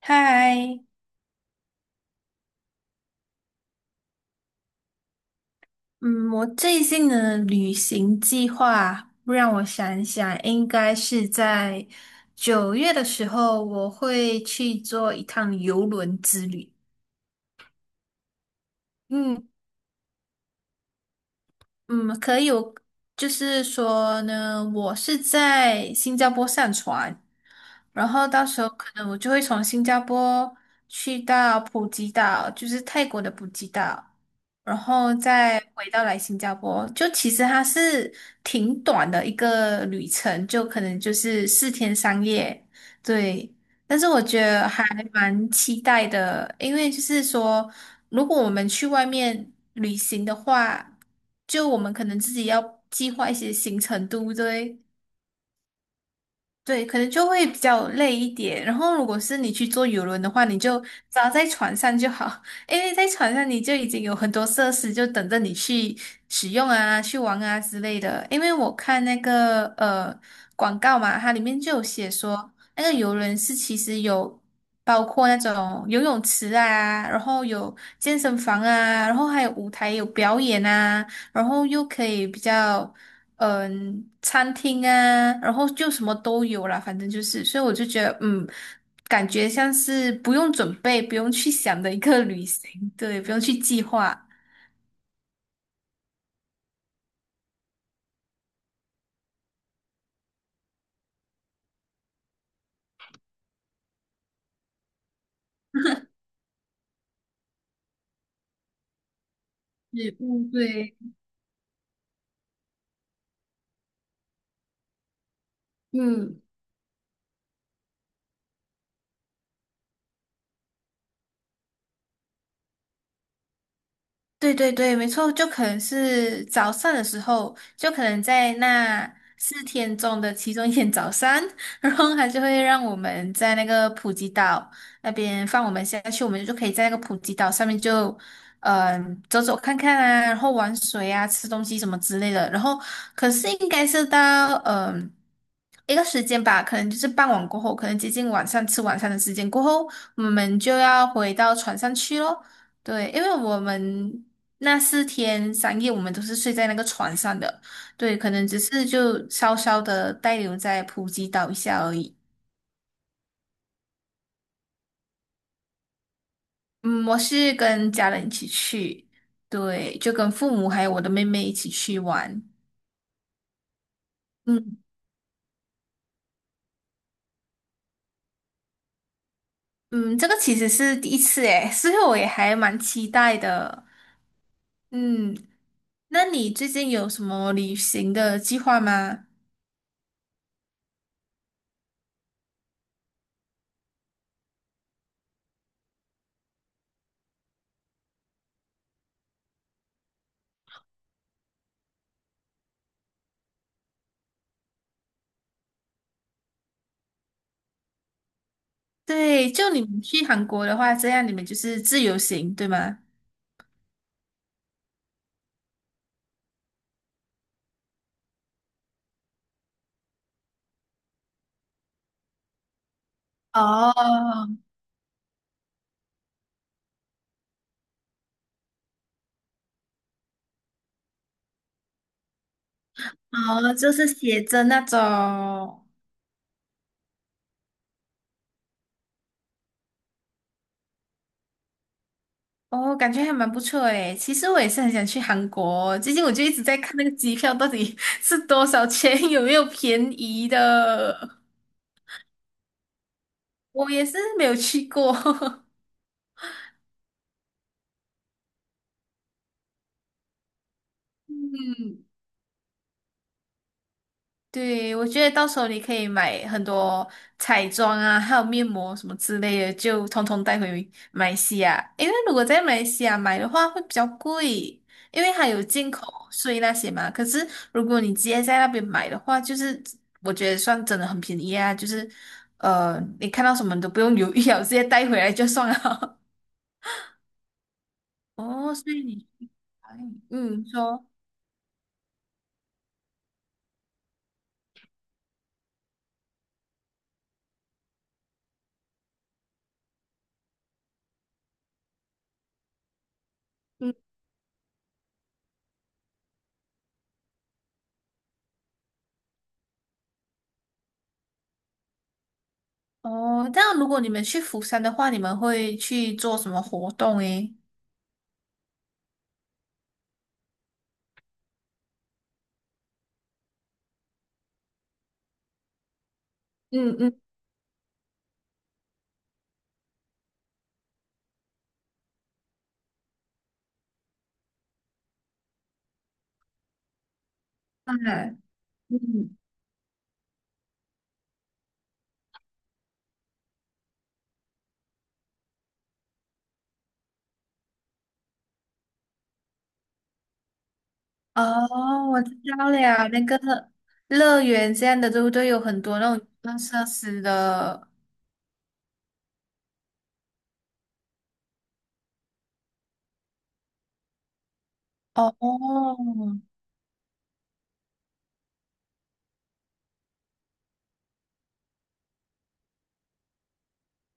嗨，嗯，我最近的旅行计划，让我想一想，应该是在9月的时候，我会去做一趟游轮之旅。嗯，嗯，可以，我就是说呢，我是在新加坡上船，然后到时候可能我就会从新加坡去到普吉岛，就是泰国的普吉岛，然后再回到来新加坡。就其实它是挺短的一个旅程，就可能就是四天三夜，对。但是我觉得还蛮期待的，因为就是说。如果我们去外面旅行的话，就我们可能自己要计划一些行程，对不对？对，可能就会比较累一点。然后，如果是你去坐游轮的话，你就只要在船上就好，因为在船上你就已经有很多设施，就等着你去使用啊、去玩啊之类的。因为我看那个广告嘛，它里面就有写说，那个游轮是其实有包括那种游泳池啊，然后有健身房啊，然后还有舞台有表演啊，然后又可以比较。餐厅啊，然后就什么都有啦，反正就是，所以我就觉得，感觉像是不用准备、不用去想的一个旅行，对，不用去计划。食物，对，嗯。对对对，没错，就可能是早上的时候，就可能在那四天中的其中1天早上，然后他就会让我们在那个普吉岛那边放我们下去，我们就可以在那个普吉岛上面就，走走看看啊，然后玩水啊，吃东西什么之类的。然后可是应该是到一个时间吧，可能就是傍晚过后，可能接近晚上吃晚餐的时间过后，我们就要回到船上去咯。对，因为我们那四天三夜，我们都是睡在那个船上的，对，可能只是就稍稍的滞留在普吉岛一下而已。嗯，我是跟家人一起去，对，就跟父母还有我的妹妹一起去玩。嗯嗯，这个其实是第1次诶，所以我也还蛮期待的。嗯，那你最近有什么旅行的计划吗？对，就你们去韩国的话，这样你们就是自由行，对吗？哦，哦，就是写着那种，哦，感觉还蛮不错诶。其实我也是很想去韩国，最近我就一直在看那个机票到底 是多少钱，有没有便宜的。我也是没有去过，嗯，对，我觉得到时候你可以买很多彩妆啊，还有面膜什么之类的，就通通带回马来西亚。因为如果在马来西亚买的话会比较贵，因为它有进口税那些嘛。可是如果你直接在那边买的话，就是我觉得算真的很便宜啊，就是你看到什么你都不用犹豫了，直接带回来就算了。哦，所以你，哎，说。嗯，哦，这样如果你们去釜山的话，你们会去做什么活动诶？嗯嗯，哎，嗯，哦，我知道了呀，那个乐园这样的，对不对？有很多那种娱乐设施的。哦，哦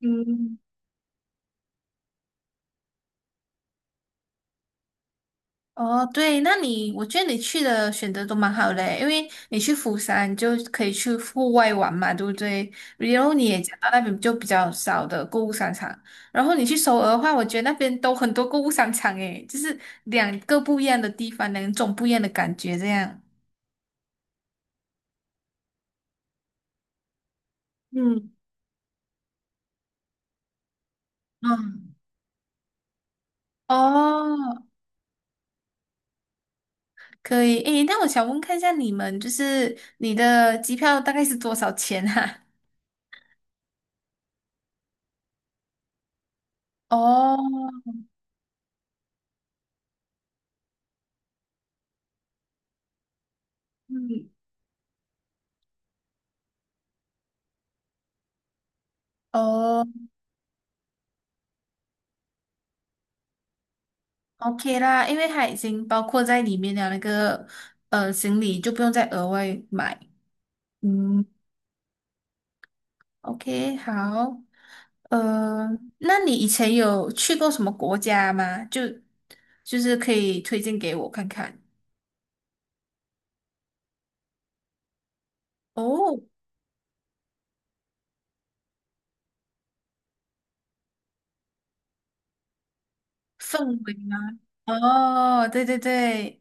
嗯，哦，对，那你，我觉得你去的选择都蛮好的，因为你去釜山就可以去户外玩嘛，对不对？然后你也讲到那边就比较少的购物商场，然后你去首尔的话，我觉得那边都很多购物商场，诶，就是2个不一样的地方，2种不一样的感觉，这样。嗯。嗯，哦，可以。诶，那我想问看一下你们，就是你的机票大概是多少钱啊？哦，嗯，哦，OK 啦，因为它已经包括在里面的那个行李，就不用再额外买。嗯，OK，好。呃，那你以前有去过什么国家吗？就是可以推荐给我看看。哦，氛围吗？哦，对对对。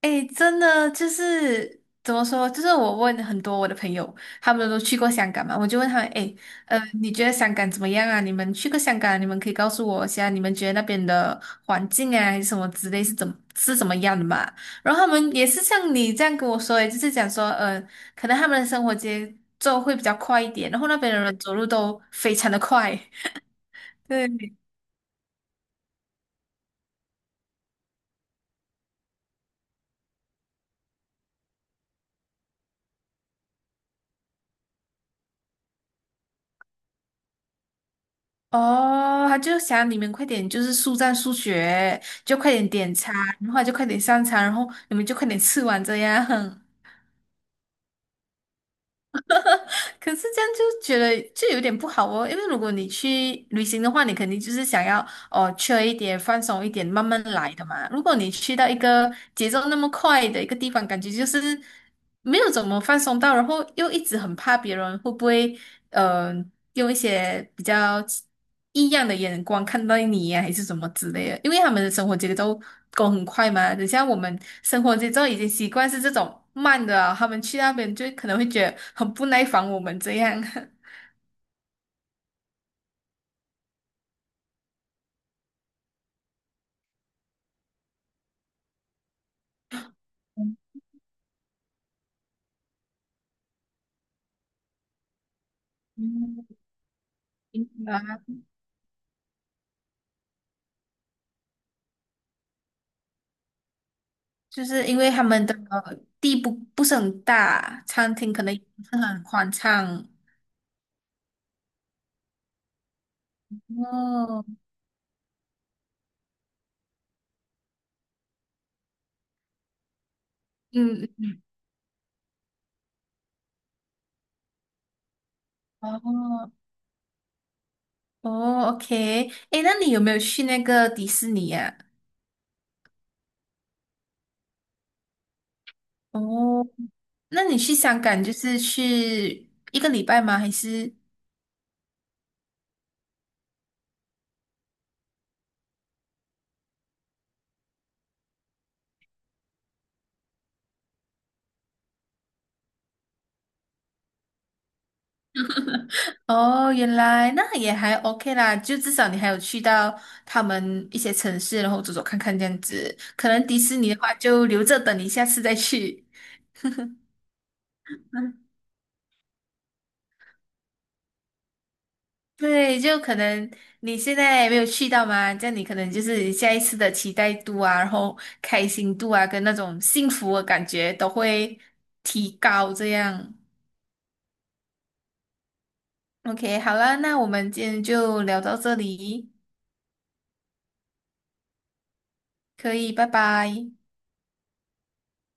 哎，真的就是怎么说？就是我问很多我的朋友，他们都去过香港嘛，我就问他们，哎，你觉得香港怎么样啊？你们去过香港啊，你们可以告诉我一下，你们觉得那边的环境啊，还是什么之类是怎么样的嘛？然后他们也是像你这样跟我说，诶就是讲说，可能他们的生活节奏会比较快一点，然后那边的人走路都非常的快，对。哦，他就想你们快点，就是速战速决，就快点点餐，然后就快点上餐，然后你们就快点吃完这样。可是这样就觉得就有点不好哦，因为如果你去旅行的话，你肯定就是想要哦，缺一点，放松一点，慢慢来的嘛。如果你去到一个节奏那么快的一个地方，感觉就是没有怎么放松到，然后又一直很怕别人会不会，用一些比较异样的眼光看到你呀、还是什么之类的。因为他们的生活节奏都很快嘛，等下我们生活节奏已经习惯是这种慢的啊他们去那边就可能会觉得很不耐烦我们这样。嗯，明白就是因为他们的地不是很大，餐厅可能也不是很宽敞。哦，嗯，嗯哦，哦，OK，诶，那你有没有去那个迪士尼呀、哦，那你去香港就是去一个礼拜吗？还是？哦，原来那也还 OK 啦，就至少你还有去到他们一些城市，然后走走看看这样子。可能迪士尼的话，就留着等你下次再去。嗯。对，就可能你现在没有去到嘛，这样你可能就是下一次的期待度啊，然后开心度啊，跟那种幸福的感觉都会提高。这样，OK，好啦，那我们今天就聊到这里，可以，拜拜。